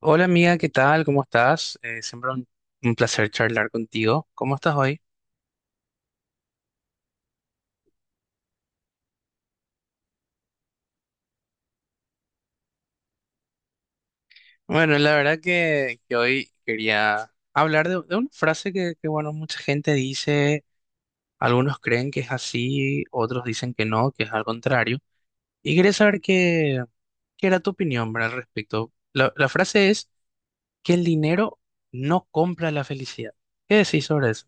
Hola amiga, ¿qué tal? ¿Cómo estás? Siempre un placer charlar contigo. ¿Cómo estás hoy? Bueno, la verdad que hoy quería hablar de una frase que, bueno, mucha gente dice, algunos creen que es así, otros dicen que no, que es al contrario. Y quería saber qué era tu opinión, ¿verdad?, al respecto. La frase es que el dinero no compra la felicidad. ¿Qué decís sobre eso?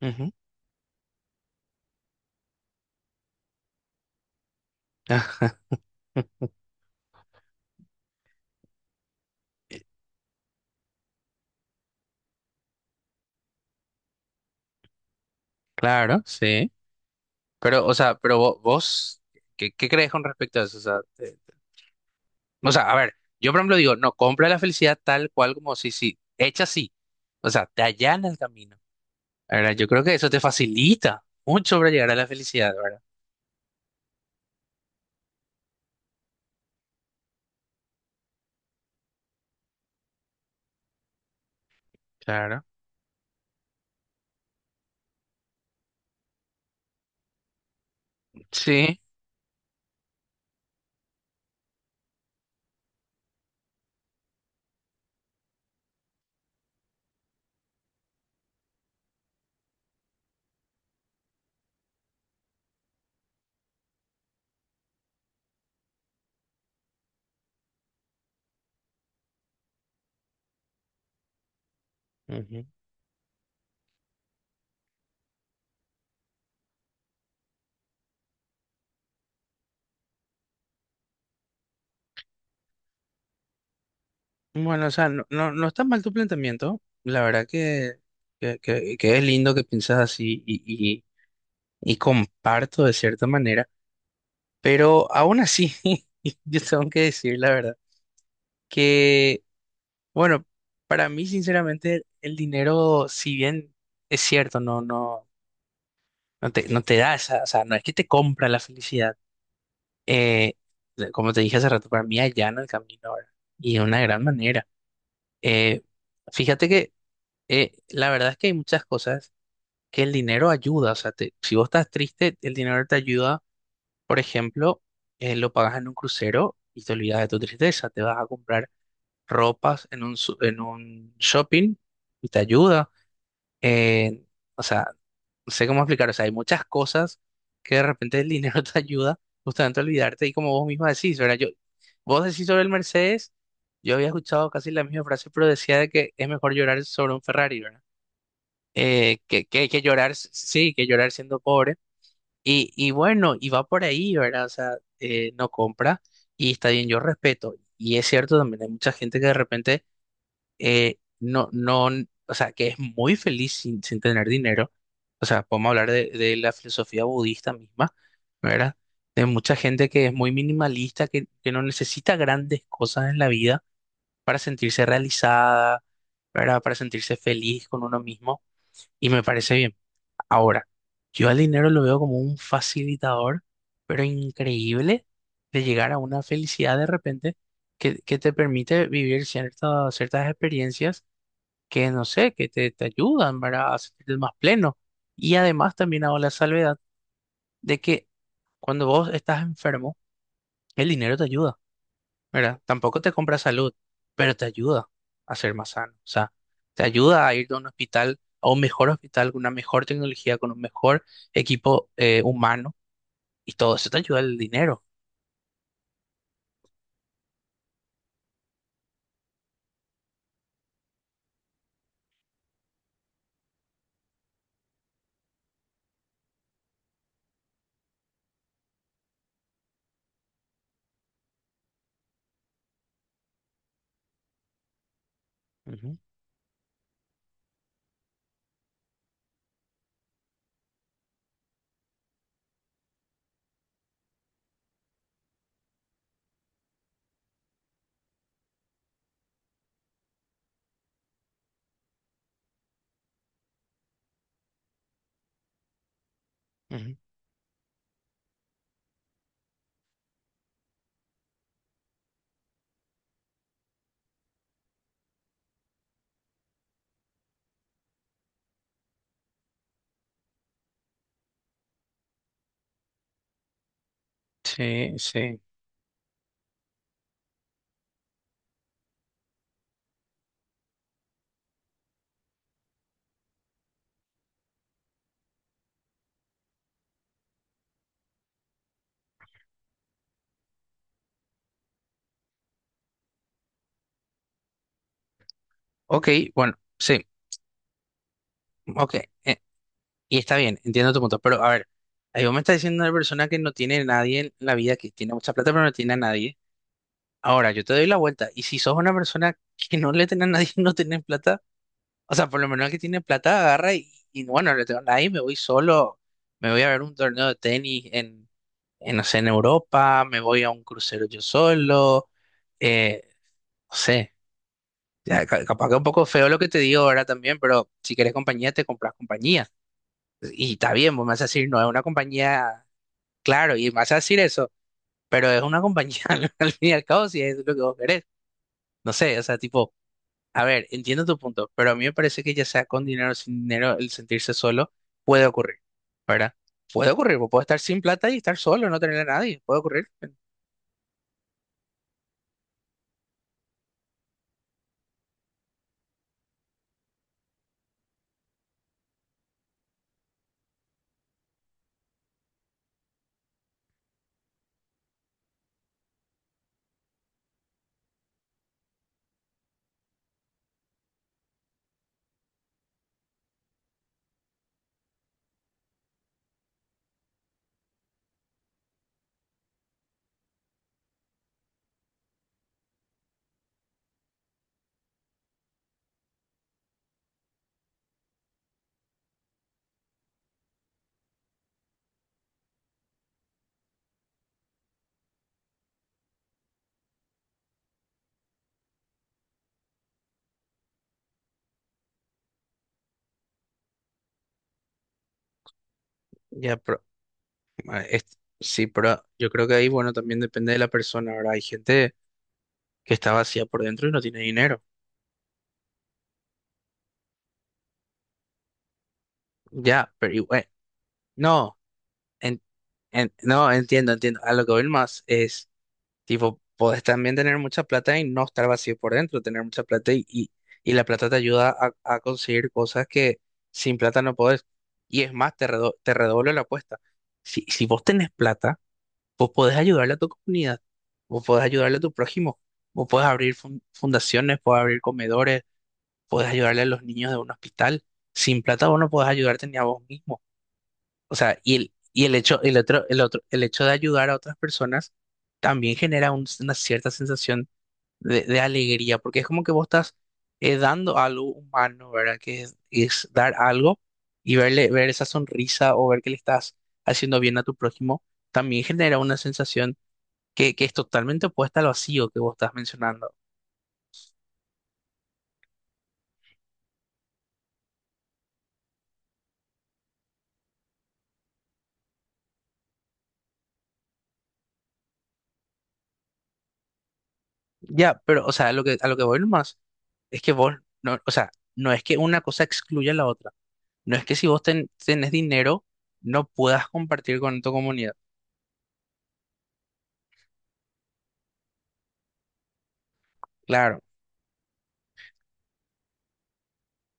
Ujú. Claro, sí. Pero, o sea, pero vos, ¿qué crees con respecto a eso? O sea, o sea, a ver, yo por ejemplo digo, no, compra la felicidad tal cual como si, hecha así. O sea, te allana el camino, ¿verdad? Yo creo que eso te facilita mucho para llegar a la felicidad, ¿verdad? Claro. Sí. Ujú. Bueno, o sea, no, no está mal tu planteamiento. La verdad que es lindo que piensas así y, y, y comparto de cierta manera. Pero aún así, yo tengo que decir la verdad, que Bueno, para mí, sinceramente, el dinero, si bien es cierto, no te da esa, o sea, no es que te compra la felicidad. Eh, como te dije hace rato, para mí allana el camino ahora. Y de una gran manera. Eh, fíjate que la verdad es que hay muchas cosas que el dinero ayuda. O sea, si vos estás triste, el dinero te ayuda. Por ejemplo, lo pagas en un crucero y te olvidas de tu tristeza. Te vas a comprar ropas en en un shopping y te ayuda. eh, o sea, no sé cómo explicar, o sea, hay muchas cosas que de repente el dinero te ayuda justamente a olvidarte y como vos misma decís, ¿verdad? Vos decís sobre el Mercedes, yo había escuchado casi la misma frase, pero decía de que es mejor llorar sobre un Ferrari, ¿verdad? Que llorar, sí, que llorar siendo pobre. Y bueno, y va por ahí, ¿verdad? O sea, no compra y está bien, yo respeto. Y es cierto también, hay mucha gente que de repente no, no, o sea, que es muy feliz sin tener dinero. O sea, podemos hablar de la filosofía budista misma, ¿verdad? De mucha gente que es muy minimalista, que no necesita grandes cosas en la vida para sentirse realizada, ¿verdad? Para sentirse feliz con uno mismo. Y me parece bien. Ahora, yo al dinero lo veo como un facilitador, pero increíble de llegar a una felicidad de repente que te permite vivir ciertas experiencias que no sé, te ayudan, ¿verdad?, a sentirte más pleno. Y además también hago la salvedad de que cuando vos estás enfermo, el dinero te ayuda, ¿verdad? Tampoco te compra salud, pero te ayuda a ser más sano. O sea, te ayuda a ir a un hospital, a un mejor hospital, con una mejor tecnología, con un mejor equipo humano. Y todo eso te ayuda el dinero. Ujú, ujú. Sí, sí. Ok, bueno, sí, ok. Eh, Y está bien, entiendo tu punto, pero a ver, ahí vos me estás diciendo una persona que no tiene a nadie en la vida, que tiene mucha plata pero no tiene a nadie. Ahora, yo te doy la vuelta, y si sos una persona que no le tiene a nadie, no tenés plata, o sea, por lo menos el que tiene plata agarra y bueno, no le tengo a nadie, me voy solo, me voy a ver un torneo de tenis en, no sé, en Europa, me voy a un crucero yo solo, eh, no sé, ya, capaz que es un poco feo lo que te digo ahora también, pero si querés compañía, te compras compañía. Y está bien, vos me vas a decir, no es una compañía. Claro, y vas a decir eso, pero es una compañía, al fin y al cabo, si es lo que vos querés. No sé, o sea, tipo, a ver, entiendo tu punto, pero a mí me parece que ya sea con dinero o sin dinero, el sentirse solo puede ocurrir, ¿verdad? Puede ocurrir, vos podés estar sin plata y estar solo, no tener a nadie, puede ocurrir. Ya, pero, ah, sí, pero yo creo que ahí, bueno, también depende de la persona, ¿verdad? Hay gente que está vacía por dentro y no tiene dinero. Ya, pero igual, no, en- no, entiendo, entiendo. A lo que voy más es, tipo, podés también tener mucha plata y no estar vacío por dentro, tener mucha plata, y la plata te ayuda a conseguir cosas que sin plata no podés. Y es más, te redoblo la apuesta. Si vos tenés plata, vos podés ayudarle a tu comunidad, vos podés ayudarle a tu prójimo, vos podés abrir fundaciones, podés abrir comedores, podés ayudarle a los niños de un hospital. Sin plata vos no podés ayudarte ni a vos mismo. O sea, y el hecho, el otro, el otro, el hecho de ayudar a otras personas también genera una cierta sensación de alegría, porque es como que vos estás dando algo humano, ¿verdad? Que es dar algo y verle, ver esa sonrisa o ver que le estás haciendo bien a tu prójimo, también genera una sensación que es totalmente opuesta al vacío que vos estás mencionando. Ya, pero, o sea, a lo a lo que voy nomás es que vos, no, o sea, no es que una cosa excluya a la otra. No es que si vos tenés dinero, no puedas compartir con tu comunidad. Claro,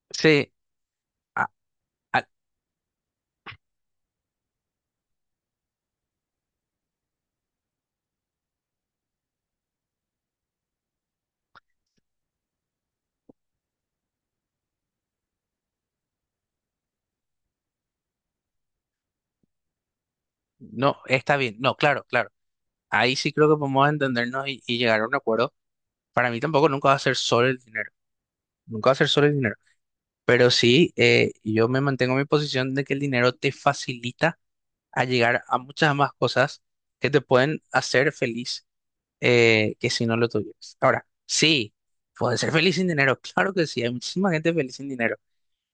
sí, a- a- no, está bien, no, claro, claro. Ahí sí creo que podemos entendernos y llegar a un acuerdo. Para mí tampoco nunca va a ser solo el dinero, nunca va a ser solo el dinero. Pero sí, yo me mantengo en mi posición de que el dinero te facilita a llegar a muchas más cosas que te pueden hacer feliz que si no lo tuvieras. Ahora, sí, puedes ser feliz sin dinero, claro que sí, hay muchísima gente feliz sin dinero,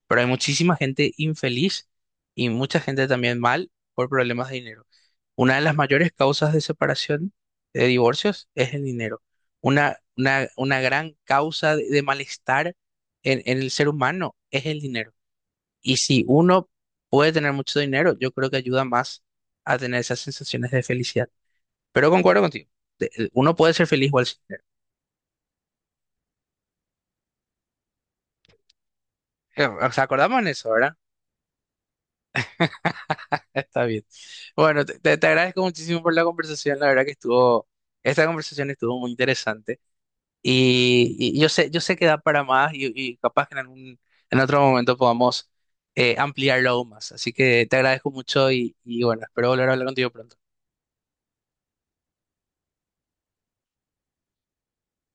pero hay muchísima gente infeliz y mucha gente también mal por problemas de dinero. Una de las mayores causas de separación, de divorcios, es el dinero. Una gran causa de malestar en el ser humano es el dinero. Y si uno puede tener mucho dinero, yo creo que ayuda más a tener esas sensaciones de felicidad. Pero concuerdo contigo, de- uno puede ser feliz igual sin dinero. O sea, acordamos en eso, ¿verdad? Está bien. Bueno, te agradezco muchísimo por la conversación. La verdad que estuvo, esta conversación estuvo muy interesante. Y yo sé que da para más y capaz que en en otro momento podamos ampliarlo aún más. Así que te agradezco mucho y bueno, espero volver a hablar contigo pronto.